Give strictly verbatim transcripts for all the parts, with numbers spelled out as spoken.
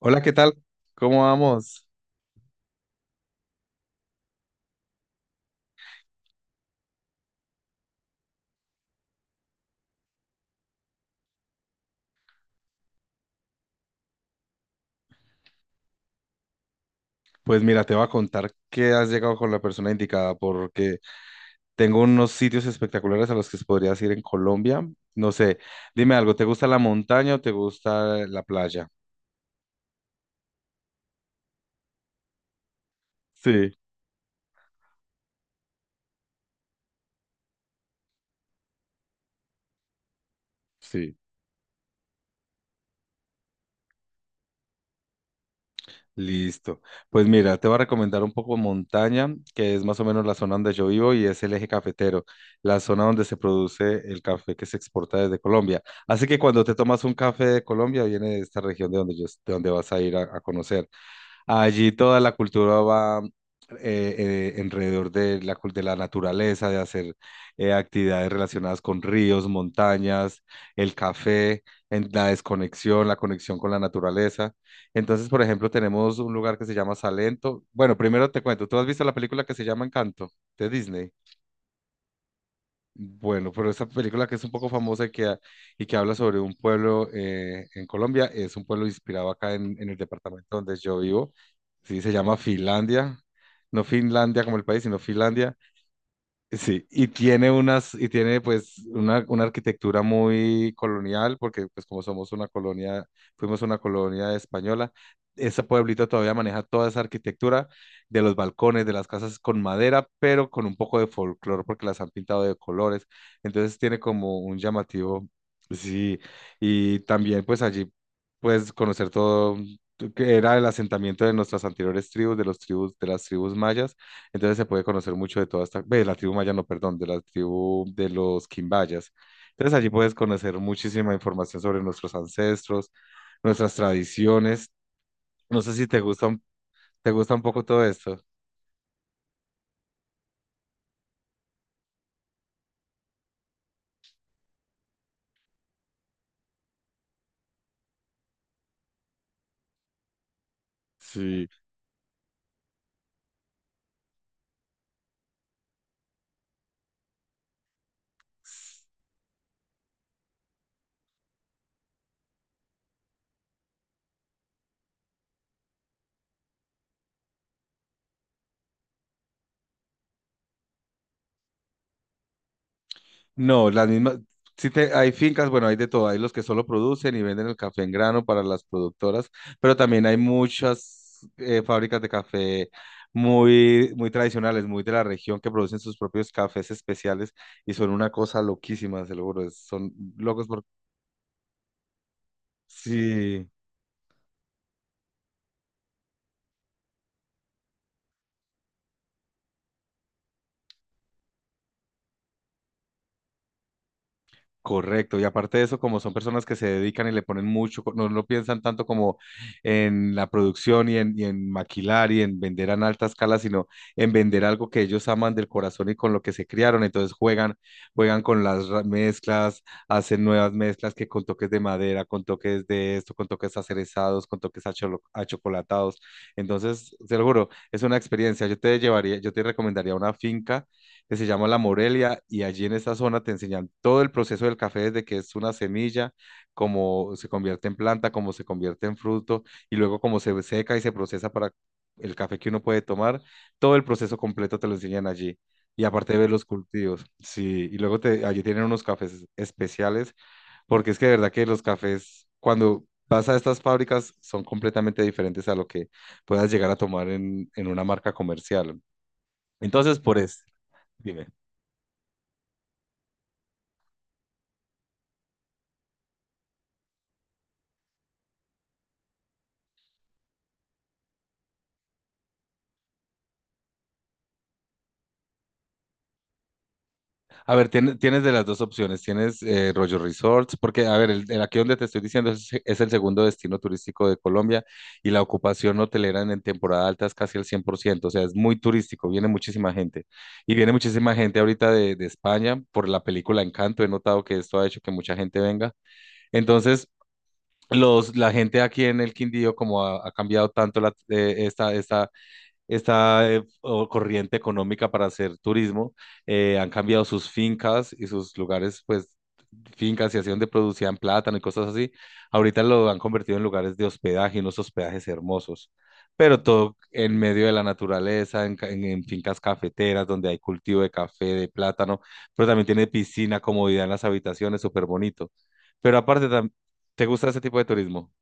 Hola, ¿qué tal? ¿Cómo vamos? Pues mira, te voy a contar que has llegado con la persona indicada porque tengo unos sitios espectaculares a los que podrías ir en Colombia. No sé, dime algo, ¿te gusta la montaña o te gusta la playa? Sí, sí. Listo. Pues mira, te voy a recomendar un poco montaña, que es más o menos la zona donde yo vivo y es el eje cafetero, la zona donde se produce el café que se exporta desde Colombia. Así que cuando te tomas un café de Colombia, viene de esta región de donde yo, de donde vas a ir a a conocer. Allí toda la cultura va eh, eh, alrededor de la, cul- de la naturaleza, de hacer eh, actividades relacionadas con ríos, montañas, el café, en la desconexión, la conexión con la naturaleza. Entonces, por ejemplo, tenemos un lugar que se llama Salento. Bueno, primero te cuento, ¿tú has visto la película que se llama Encanto de Disney? Bueno, pero esta película que es un poco famosa y que, ha- y que habla sobre un pueblo eh, en Colombia, es un pueblo inspirado acá en, en el departamento donde yo vivo. Sí, se llama Finlandia. No Finlandia como el país, sino Finlandia. Sí, y tiene unas, y tiene pues una, una arquitectura muy colonial, porque pues como somos una colonia, fuimos una colonia española, ese pueblito todavía maneja toda esa arquitectura de los balcones, de las casas con madera, pero con un poco de folclore, porque las han pintado de colores, entonces tiene como un llamativo, sí, y también pues allí puedes conocer todo, que era el asentamiento de nuestras anteriores tribus, de los tribus, de las tribus mayas, entonces se puede conocer mucho de toda esta, de la tribu maya, no, perdón, de la tribu de los quimbayas. Entonces allí puedes conocer muchísima información sobre nuestros ancestros, nuestras tradiciones. No sé si te gusta, un- te gusta un poco todo esto. Sí. No, las mismas, sí, te- hay fincas, bueno, hay de todo, hay los que solo producen y venden el café en grano para las productoras, pero también hay muchas eh, fábricas de café muy, muy tradicionales, muy de la región, que producen sus propios cafés especiales y son una cosa loquísima, se lo juro, es- son locos por... Sí. Correcto, y aparte de eso, como son personas que se dedican y le ponen mucho, co- no, no piensan tanto como en la producción y en, y en maquilar y en vender en alta escala, sino en vender algo que ellos aman del corazón y con lo que se criaron. Entonces juegan, juegan con las ra- mezclas, hacen nuevas mezclas que con toques de madera, con toques de esto, con toques acerezados, con toques acholo- achocolatados. Entonces, seguro, es una experiencia. Yo te llevaría, yo te recomendaría una finca que se llama La Morelia y allí en esta zona te enseñan todo el proceso del café desde que es una semilla, cómo se convierte en planta, cómo se convierte en fruto y luego cómo se seca y se procesa para el café que uno puede tomar. Todo el proceso completo te lo enseñan allí. Y aparte de ver los cultivos, sí, y luego te, allí tienen unos cafés especiales, porque es que de verdad que los cafés, cuando vas a estas fábricas, son completamente diferentes a lo que puedas llegar a tomar en, en, una marca comercial. Entonces, por eso, dime. A ver, tiene- tienes de las dos opciones. Tienes eh, Rollo Resorts, porque, a ver, el, el aquí donde te estoy diciendo es, es el segundo destino turístico de Colombia y la ocupación hotelera en, en, temporada alta es casi el cien por ciento, o sea, es muy turístico, viene muchísima gente. Y viene muchísima gente ahorita de, de España por la película Encanto, he notado que esto ha hecho que mucha gente venga. Entonces, los, la gente aquí en el Quindío, como ha, ha cambiado tanto la, eh, esta, esta esta eh, o- corriente económica para hacer turismo, eh, han cambiado sus fincas y sus lugares, pues fincas y así donde producían plátano y cosas así, ahorita lo han convertido en lugares de hospedaje, y unos hospedajes hermosos, pero todo en medio de la naturaleza, en, ca- en- en fincas cafeteras donde hay cultivo de café, de plátano, pero también tiene piscina, comodidad en las habitaciones, súper bonito. Pero aparte, tam- ¿te gusta ese tipo de turismo?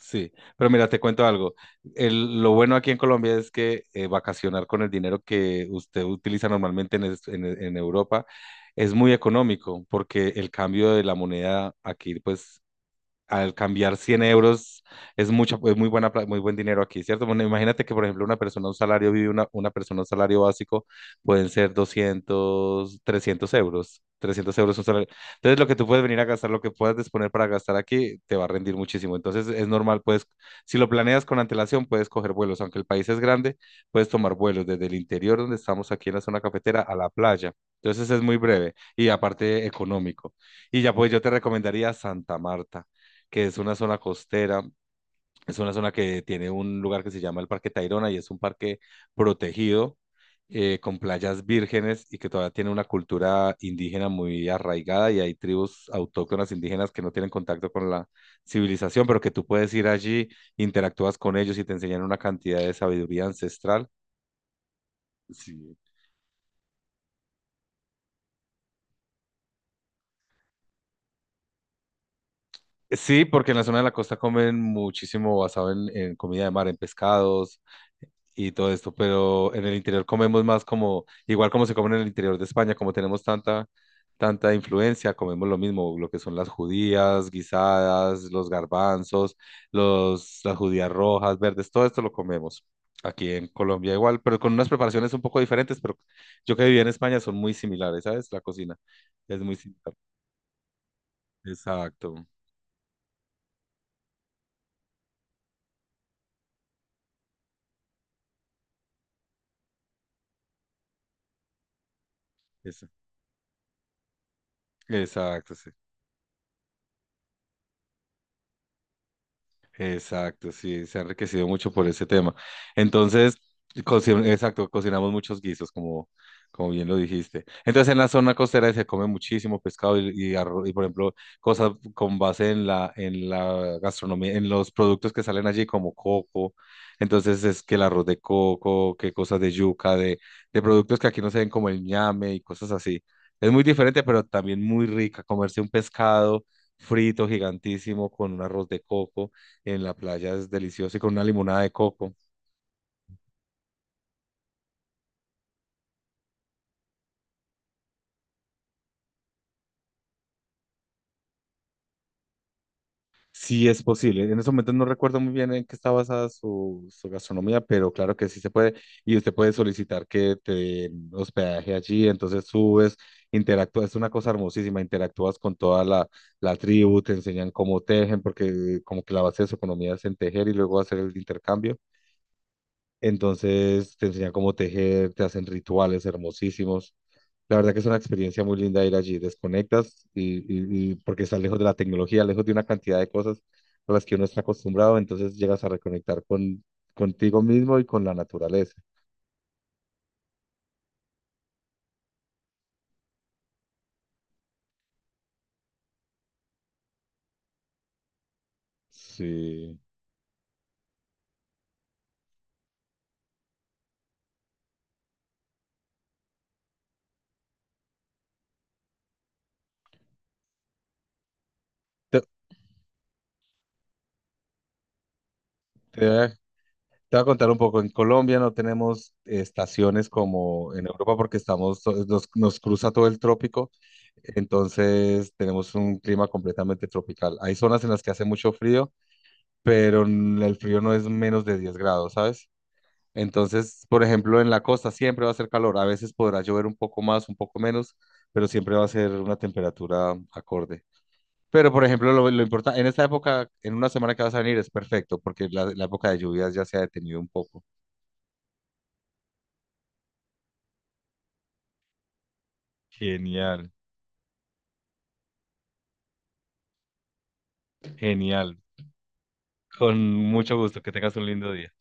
Sí, pero mira, te cuento algo. El- lo bueno aquí en Colombia es que eh, vacacionar con el dinero que usted utiliza normalmente en, es- en- en Europa es muy económico porque el cambio de la moneda aquí pues al cambiar cien euros es mucha, es muy buena, pla- muy buen dinero aquí, ¿cierto? Bueno, imagínate que, por ejemplo, una persona, un salario vive, una, una persona, un salario básico, pueden ser doscientos trescientos euros. trescientos euros un salario. Entonces, lo que tú puedes venir a gastar, lo que puedas disponer para gastar aquí, te va a rendir muchísimo. Entonces, es normal, puedes, si lo planeas con antelación, puedes coger vuelos. Aunque el país es grande, puedes tomar vuelos desde el interior, donde estamos aquí en la zona cafetera, a la playa. Entonces, es muy breve y aparte económico. Y ya, pues, yo te recomendaría Santa Marta que es una zona costera, es una zona que tiene un lugar que se llama el Parque Tayrona y es un parque protegido eh, con playas vírgenes y que todavía tiene una cultura indígena muy arraigada y hay tribus autóctonas indígenas que no tienen contacto con la civilización, pero que tú puedes ir allí, interactúas con ellos y te enseñan una cantidad de sabiduría ancestral. Sí. Sí, porque en la zona de la costa comen muchísimo basado en, en comida de mar, en pescados, y todo esto, pero en el interior comemos más como, igual como se come en el interior de España, como tenemos tanta, tanta influencia, comemos lo mismo, lo que son las judías guisadas, los garbanzos, los, las judías rojas, verdes, todo esto lo comemos. Aquí en Colombia igual, pero con unas preparaciones un poco diferentes, pero yo que viví en España son muy similares, ¿sabes? La cocina es muy similar. Exacto, es- exacto, sí. Exacto, sí, se ha enriquecido mucho por ese tema. Entonces, coci- exacto, cocinamos muchos guisos, como, como bien lo dijiste. Entonces, en la zona costera se come muchísimo pescado y, y arroz, y por ejemplo, cosas con base en la, en la gastronomía, en los productos que salen allí, como coco. Entonces, es que el arroz de coco, que cosas de yuca, de, de productos que aquí no se ven como el ñame y cosas así. Es muy diferente, pero también muy rica comerse un pescado frito gigantísimo con un arroz de coco en la playa es delicioso y con una limonada de coco. Sí es posible. En ese momento no recuerdo muy bien en qué está basada su, su gastronomía, pero claro que sí se puede. Y usted puede solicitar que te den hospedaje allí, entonces subes, interactúas, es una cosa hermosísima, interactúas con toda la, la tribu, te enseñan cómo tejen, porque como que la base de su economía es en tejer y luego hacer el intercambio. Entonces te enseñan cómo tejer, te hacen rituales hermosísimos. La verdad que es una experiencia muy linda ir allí. Desconectas y, y- y porque estás lejos de la tecnología, lejos de una cantidad de cosas a las que uno está acostumbrado, entonces llegas a reconectar con, contigo mismo y con la naturaleza. Sí. Te, te voy a, te voy a contar un poco. En Colombia no tenemos estaciones como en Europa porque estamos, nos, nos cruza todo el trópico, entonces tenemos un clima completamente tropical. Hay zonas en las que hace mucho frío pero n- el frío no es menos de diez grados, ¿sabes? Entonces, por ejemplo, en la costa siempre va a hacer calor, a veces podrá llover un poco más, un poco menos, pero siempre va a ser una temperatura acorde. Pero, por ejemplo, lo, lo importante, en esta época, en una semana que vas a venir es perfecto, porque la, la época de lluvias ya se ha detenido un poco. Genial, genial. Con mucho gusto, que tengas un lindo día.